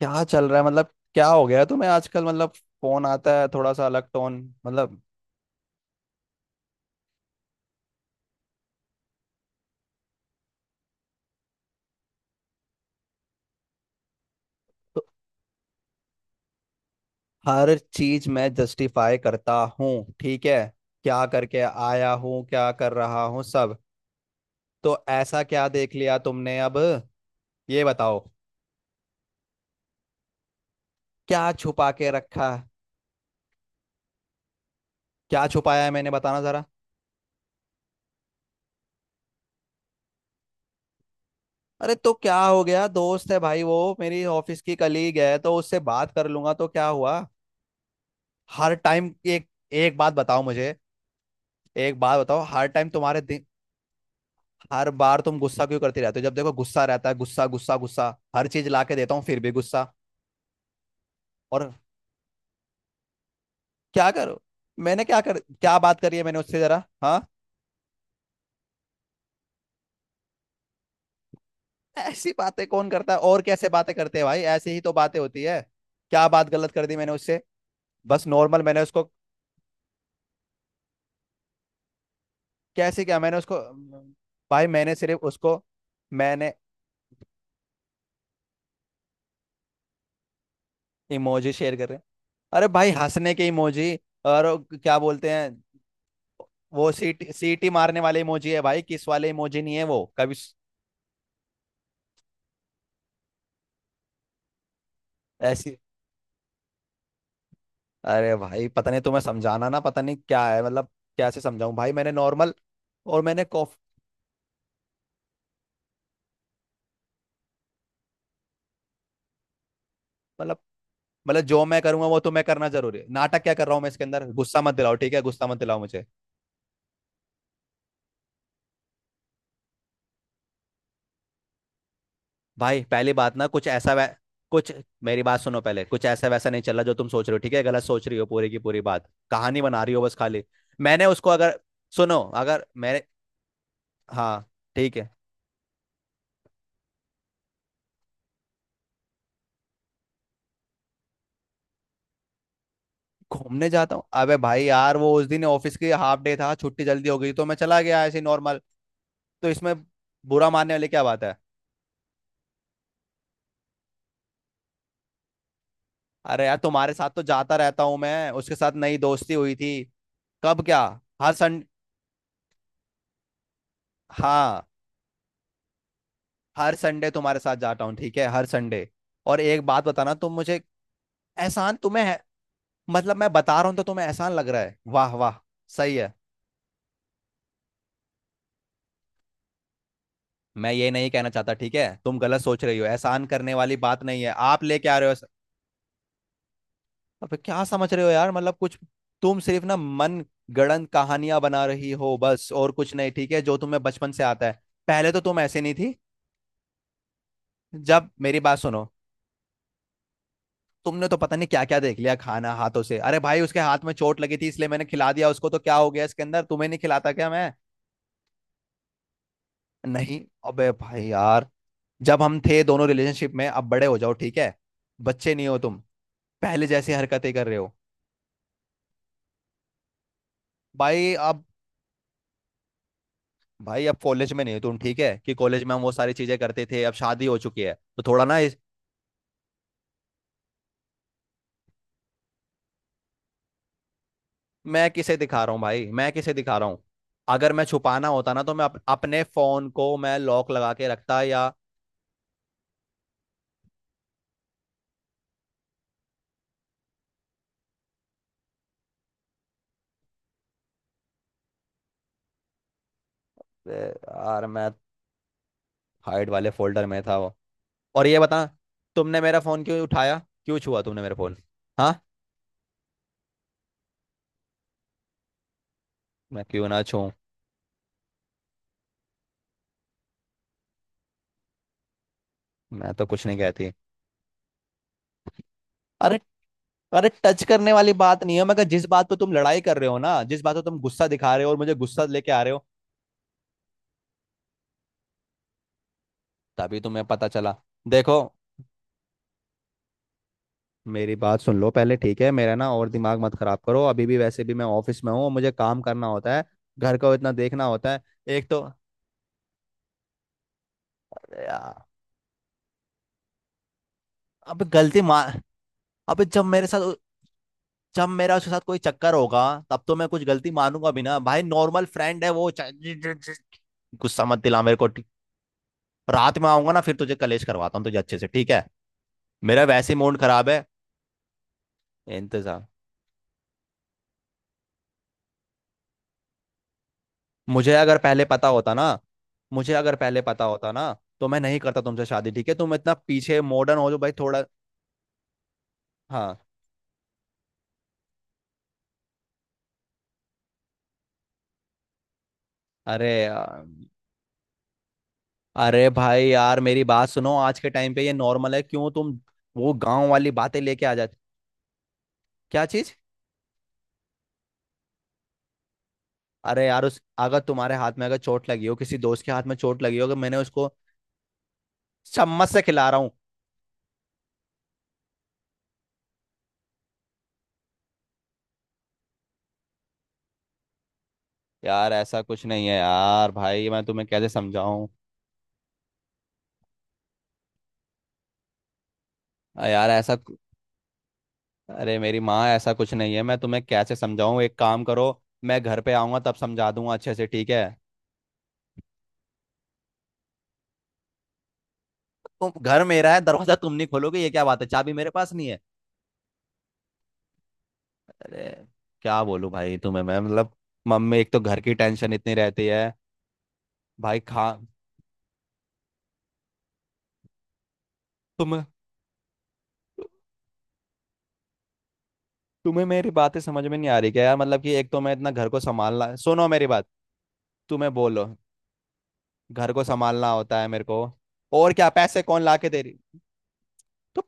क्या चल रहा है? क्या हो गया है तुम्हें आजकल? फोन आता है थोड़ा सा अलग टोन। मतलब तो हर चीज मैं जस्टिफाई करता हूँ, ठीक है? क्या करके आया हूँ, क्या कर रहा हूँ, सब। तो ऐसा क्या देख लिया तुमने अब? ये बताओ, क्या छुपा के रखा है? क्या छुपाया है मैंने, बताना जरा। अरे तो क्या हो गया, दोस्त है भाई, वो मेरी ऑफिस की कलीग है, तो उससे बात कर लूंगा तो क्या हुआ? हर टाइम एक। एक बात बताओ मुझे, एक बात बताओ, हर टाइम तुम्हारे हर बार तुम गुस्सा क्यों करते रहते हो? जब देखो गुस्सा रहता है, गुस्सा गुस्सा गुस्सा। हर चीज ला के देता हूँ फिर भी गुस्सा। और क्या करो? मैंने क्या बात करी है मैंने उससे जरा, हाँ? ऐसी बातें कौन करता है, और कैसे बातें करते हैं भाई? ऐसी ही तो बातें होती है। क्या बात गलत कर दी मैंने उससे? बस नॉर्मल मैंने उसको। कैसे? क्या मैंने उसको, भाई मैंने सिर्फ उसको। मैंने इमोजी शेयर कर रहे हैं? अरे भाई हंसने के इमोजी। और क्या बोलते हैं वो, सीटी सीटी मारने वाले इमोजी है भाई, किस वाले इमोजी नहीं है वो कभी। ऐसी। अरे भाई पता नहीं, तुम्हें समझाना ना, पता नहीं क्या है। कैसे समझाऊं भाई, मैंने नॉर्मल। और मैंने कॉफ। मतलब मतलब जो मैं करूंगा वो तुम्हें करना जरूरी है? नाटक क्या कर रहा हूँ मैं इसके अंदर? गुस्सा मत दिलाओ, ठीक है? गुस्सा मत दिलाओ मुझे। भाई पहली बात ना, कुछ ऐसा कुछ मेरी बात सुनो पहले, कुछ ऐसा वैसा नहीं चल रहा जो तुम सोच रहे हो, ठीक है? गलत सोच रही हो, पूरी की पूरी बात कहानी बना रही हो बस खाली। मैंने उसको अगर, सुनो अगर मैंने। हाँ। ठीक है। घूमने जाता हूँ, अबे भाई यार वो उस दिन ऑफिस की हाफ डे था, छुट्टी जल्दी हो गई, तो मैं चला गया, ऐसे नॉर्मल। तो इसमें बुरा मानने वाली क्या बात है? अरे यार तुम्हारे साथ तो जाता रहता हूँ, मैं उसके साथ नई दोस्ती हुई थी। कब क्या। हर संडे। हाँ, हर संडे तुम्हारे साथ जाता हूँ, ठीक है? हर संडे। और एक बात बताना तुम मुझे। एहसान तुम्हें है। मतलब मैं बता रहा हूँ तो तुम्हें एहसान लग रहा है, वाह वाह। सही है। मैं ये नहीं कहना चाहता, ठीक है? तुम गलत सोच रही हो, एहसान करने वाली बात नहीं है, आप लेके आ रहे हो। अब क्या समझ रहे हो यार? मतलब कुछ, तुम सिर्फ ना मन गढ़ंत कहानियां बना रही हो बस, और कुछ नहीं, ठीक है? जो तुम्हें बचपन से आता है। पहले तो तुम ऐसे नहीं थी। जब मेरी बात सुनो, तुमने तो पता नहीं क्या क्या देख लिया। खाना हाथों से, अरे भाई उसके हाथ में चोट लगी थी इसलिए मैंने खिला दिया उसको तो क्या हो गया इसके अंदर? तुम्हें नहीं खिलाता क्या मैं? नहीं। अबे भाई यार, जब हम थे दोनों रिलेशनशिप में, अब बड़े हो जाओ, ठीक है? बच्चे नहीं हो तुम, पहले जैसी हरकतें कर रहे हो। भाई अब भाई अब कॉलेज में नहीं हो तुम, ठीक है? कि कॉलेज में हम वो सारी चीजें करते थे, अब शादी हो चुकी है तो थोड़ा ना मैं किसे दिखा रहा हूँ भाई? मैं किसे दिखा रहा हूँ? अगर मैं छुपाना होता ना, तो मैं अपने फोन को मैं लॉक लगा के रखता, या यार मैं हाइड वाले फोल्डर में था वो। और ये बता, तुमने मेरा फोन क्यों उठाया? क्यों छुआ तुमने मेरा फोन? हाँ। मैं क्यों ना छूऊं? मैं तो कुछ नहीं कहती। अरे अरे टच करने वाली बात नहीं है, मगर जिस बात पे तुम लड़ाई कर रहे हो ना, जिस बात पे तुम गुस्सा दिखा रहे हो और मुझे गुस्सा लेके आ रहे हो। तभी तुम्हें पता चला। देखो, मेरी बात सुन लो पहले, ठीक है? मेरा ना और दिमाग मत खराब करो अभी भी, वैसे भी मैं ऑफिस में हूँ और मुझे काम करना होता है, घर का इतना देखना होता है। एक तो अरे यार अब गलती मान। अब जब मेरे साथ, जब मेरा उसके साथ कोई चक्कर होगा, तब तो मैं कुछ गलती मानूंगा भी ना भाई, नॉर्मल फ्रेंड है वो। गुस्सा मत दिला मेरे को ठीक। रात में आऊंगा ना फिर तुझे कलेश करवाता हूँ तुझे अच्छे से, ठीक है? मेरा वैसे मूड खराब है। इंतजार। मुझे अगर पहले पता होता ना मुझे अगर पहले पता होता ना, तो मैं नहीं करता तुमसे शादी, ठीक है? तुम इतना पीछे मॉडर्न हो जो भाई थोड़ा। हाँ। अरे यार, अरे भाई यार मेरी बात सुनो, आज के टाइम पे ये नॉर्मल है, क्यों तुम वो गांव वाली बातें लेके आ जाते? क्या चीज? अरे यार उस अगर तुम्हारे हाथ में, अगर चोट लगी हो किसी दोस्त के हाथ में चोट लगी हो, अगर मैंने उसको चम्मच से खिला रहा हूँ। यार ऐसा कुछ नहीं है यार भाई, मैं तुम्हें कैसे समझाऊं? यार ऐसा अरे मेरी माँ, ऐसा कुछ नहीं है, मैं तुम्हें कैसे समझाऊं? एक काम करो, मैं घर पे आऊंगा तब समझा दूंगा अच्छे से, ठीक है? तुम, घर मेरा है, दरवाजा तुम नहीं खोलोगे ये क्या बात है? चाबी मेरे पास नहीं है? अरे क्या बोलूं भाई तुम्हें मैं, मम्मी एक तो घर की टेंशन इतनी रहती है। भाई खा। तुम तुम्हें मेरी बातें समझ में नहीं आ रही क्या यार? मतलब कि एक तो मैं इतना घर को संभालना, सुनो मेरी बात, तुम्हें बोलो घर को संभालना होता है मेरे को। और क्या, पैसे कौन ला के दे रही? तो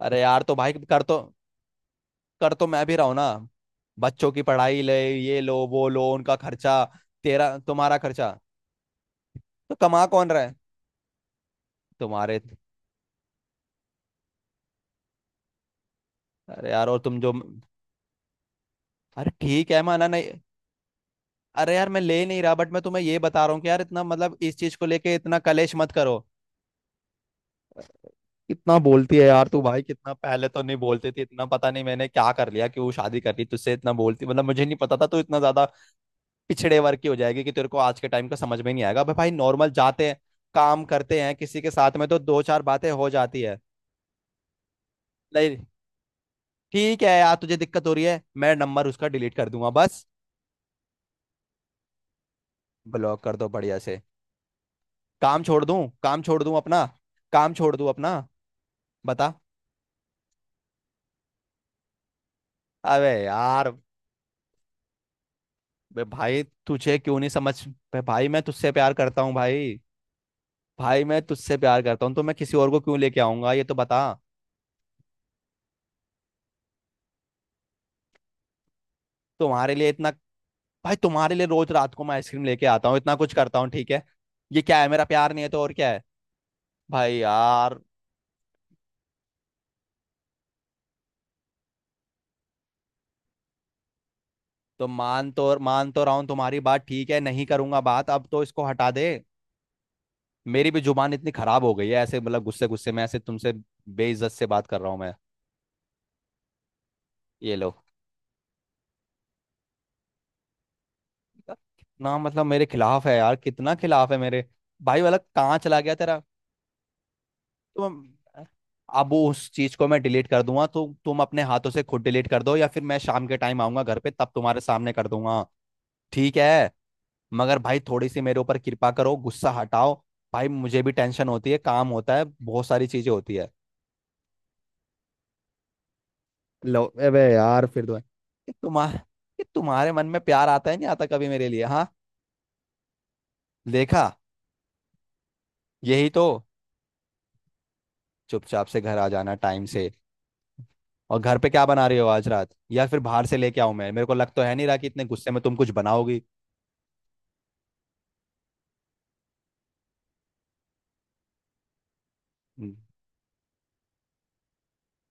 अरे यार तो भाई, कर तो, कर तो मैं भी रहा हूँ ना, बच्चों की पढ़ाई, ले ये लो वो लो उनका खर्चा, तेरा तुम्हारा खर्चा, तो कमा कौन रहा है? तुम्हारे। अरे यार और तुम जो, अरे ठीक है माना नहीं। अरे यार मैं ले नहीं रहा, बट मैं तुम्हें ये बता रहा हूँ कि यार इतना, मतलब इस चीज को लेके इतना कलेश मत करो। इतना बोलती है यार तू भाई, कितना, पहले तो नहीं बोलती थी इतना, पता नहीं मैंने क्या कर लिया कि वो शादी कर ली तुझसे। इतना बोलती, मतलब मुझे नहीं पता था तू इतना ज्यादा पिछड़े वर्ग की हो जाएगी, कि तेरे को आज के टाइम का समझ में नहीं आएगा। भाई भाई नॉर्मल जाते हैं, काम करते हैं, किसी के साथ में तो दो चार बातें हो जाती है। नहीं। ठीक है यार तुझे दिक्कत हो रही है, मैं नंबर उसका डिलीट कर दूंगा बस। ब्लॉक कर दो बढ़िया से। काम छोड़ दूं अपना। काम छोड़ दूं अपना, बता। अबे यार, बे भाई तुझे क्यों नहीं समझ? बे भाई मैं तुझसे प्यार करता हूँ भाई। भाई मैं तुझसे प्यार करता हूँ तो मैं किसी और को क्यों लेके आऊंगा, ये तो बता। तुम्हारे लिए इतना, भाई तुम्हारे लिए रोज रात को मैं आइसक्रीम लेके आता हूँ, इतना कुछ करता हूँ, ठीक है? ये क्या है, मेरा प्यार नहीं है तो और क्या है? भाई यार, तो मान तो रहा हूँ तुम्हारी बात, ठीक है नहीं करूंगा बात, अब तो इसको हटा दे। मेरी भी जुबान इतनी खराब हो गई है, ऐसे मतलब गुस्से गुस्से में ऐसे तुमसे बेइज्जत से बात कर रहा हूँ मैं। ये लो। कितना मतलब मेरे खिलाफ है यार, कितना खिलाफ है मेरे? भाई वाला कहाँ चला गया तेरा? तुम, अब उस चीज को मैं डिलीट कर दूंगा, तो तुम अपने हाथों से खुद डिलीट कर दो, या फिर मैं शाम के टाइम आऊंगा घर पे तब तुम्हारे सामने कर दूंगा, ठीक है? मगर भाई थोड़ी सी मेरे ऊपर कृपा करो, गुस्सा हटाओ। भाई मुझे भी टेंशन होती है, काम होता है, बहुत सारी चीजें होती है। लो अबे यार फिर तो है। कि तुम्हारे, कि तुम्हारे मन में प्यार आता है नहीं आता कभी मेरे लिए, हाँ? देखा। यही तो, चुपचाप से घर आ जाना टाइम से। और घर पे क्या बना रही हो आज रात, या फिर बाहर से लेके आऊं मैं? मेरे को लग तो है नहीं रहा कि इतने गुस्से में तुम कुछ बनाओगी।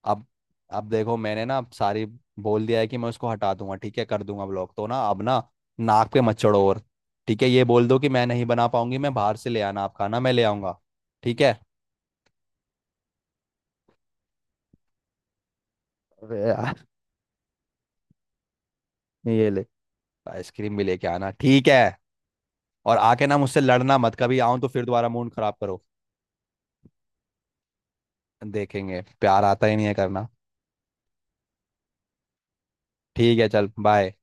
अब अब देखो मैंने ना सारी बोल दिया है कि मैं उसको हटा दूंगा, ठीक है? कर दूंगा ब्लॉक, तो ना अब ना नाक पे मत चढ़ो। और ठीक है ये बोल दो कि मैं नहीं बना पाऊंगी, मैं बाहर से ले आना आप खाना, मैं ले आऊंगा। ठीक है। अबे यार ये ले, आइसक्रीम भी लेके आना, ठीक है। और आके ना मुझसे लड़ना मत कभी, आऊं तो फिर दोबारा मूड खराब करो। देखेंगे प्यार आता ही नहीं है करना। ठीक है चल, बाय।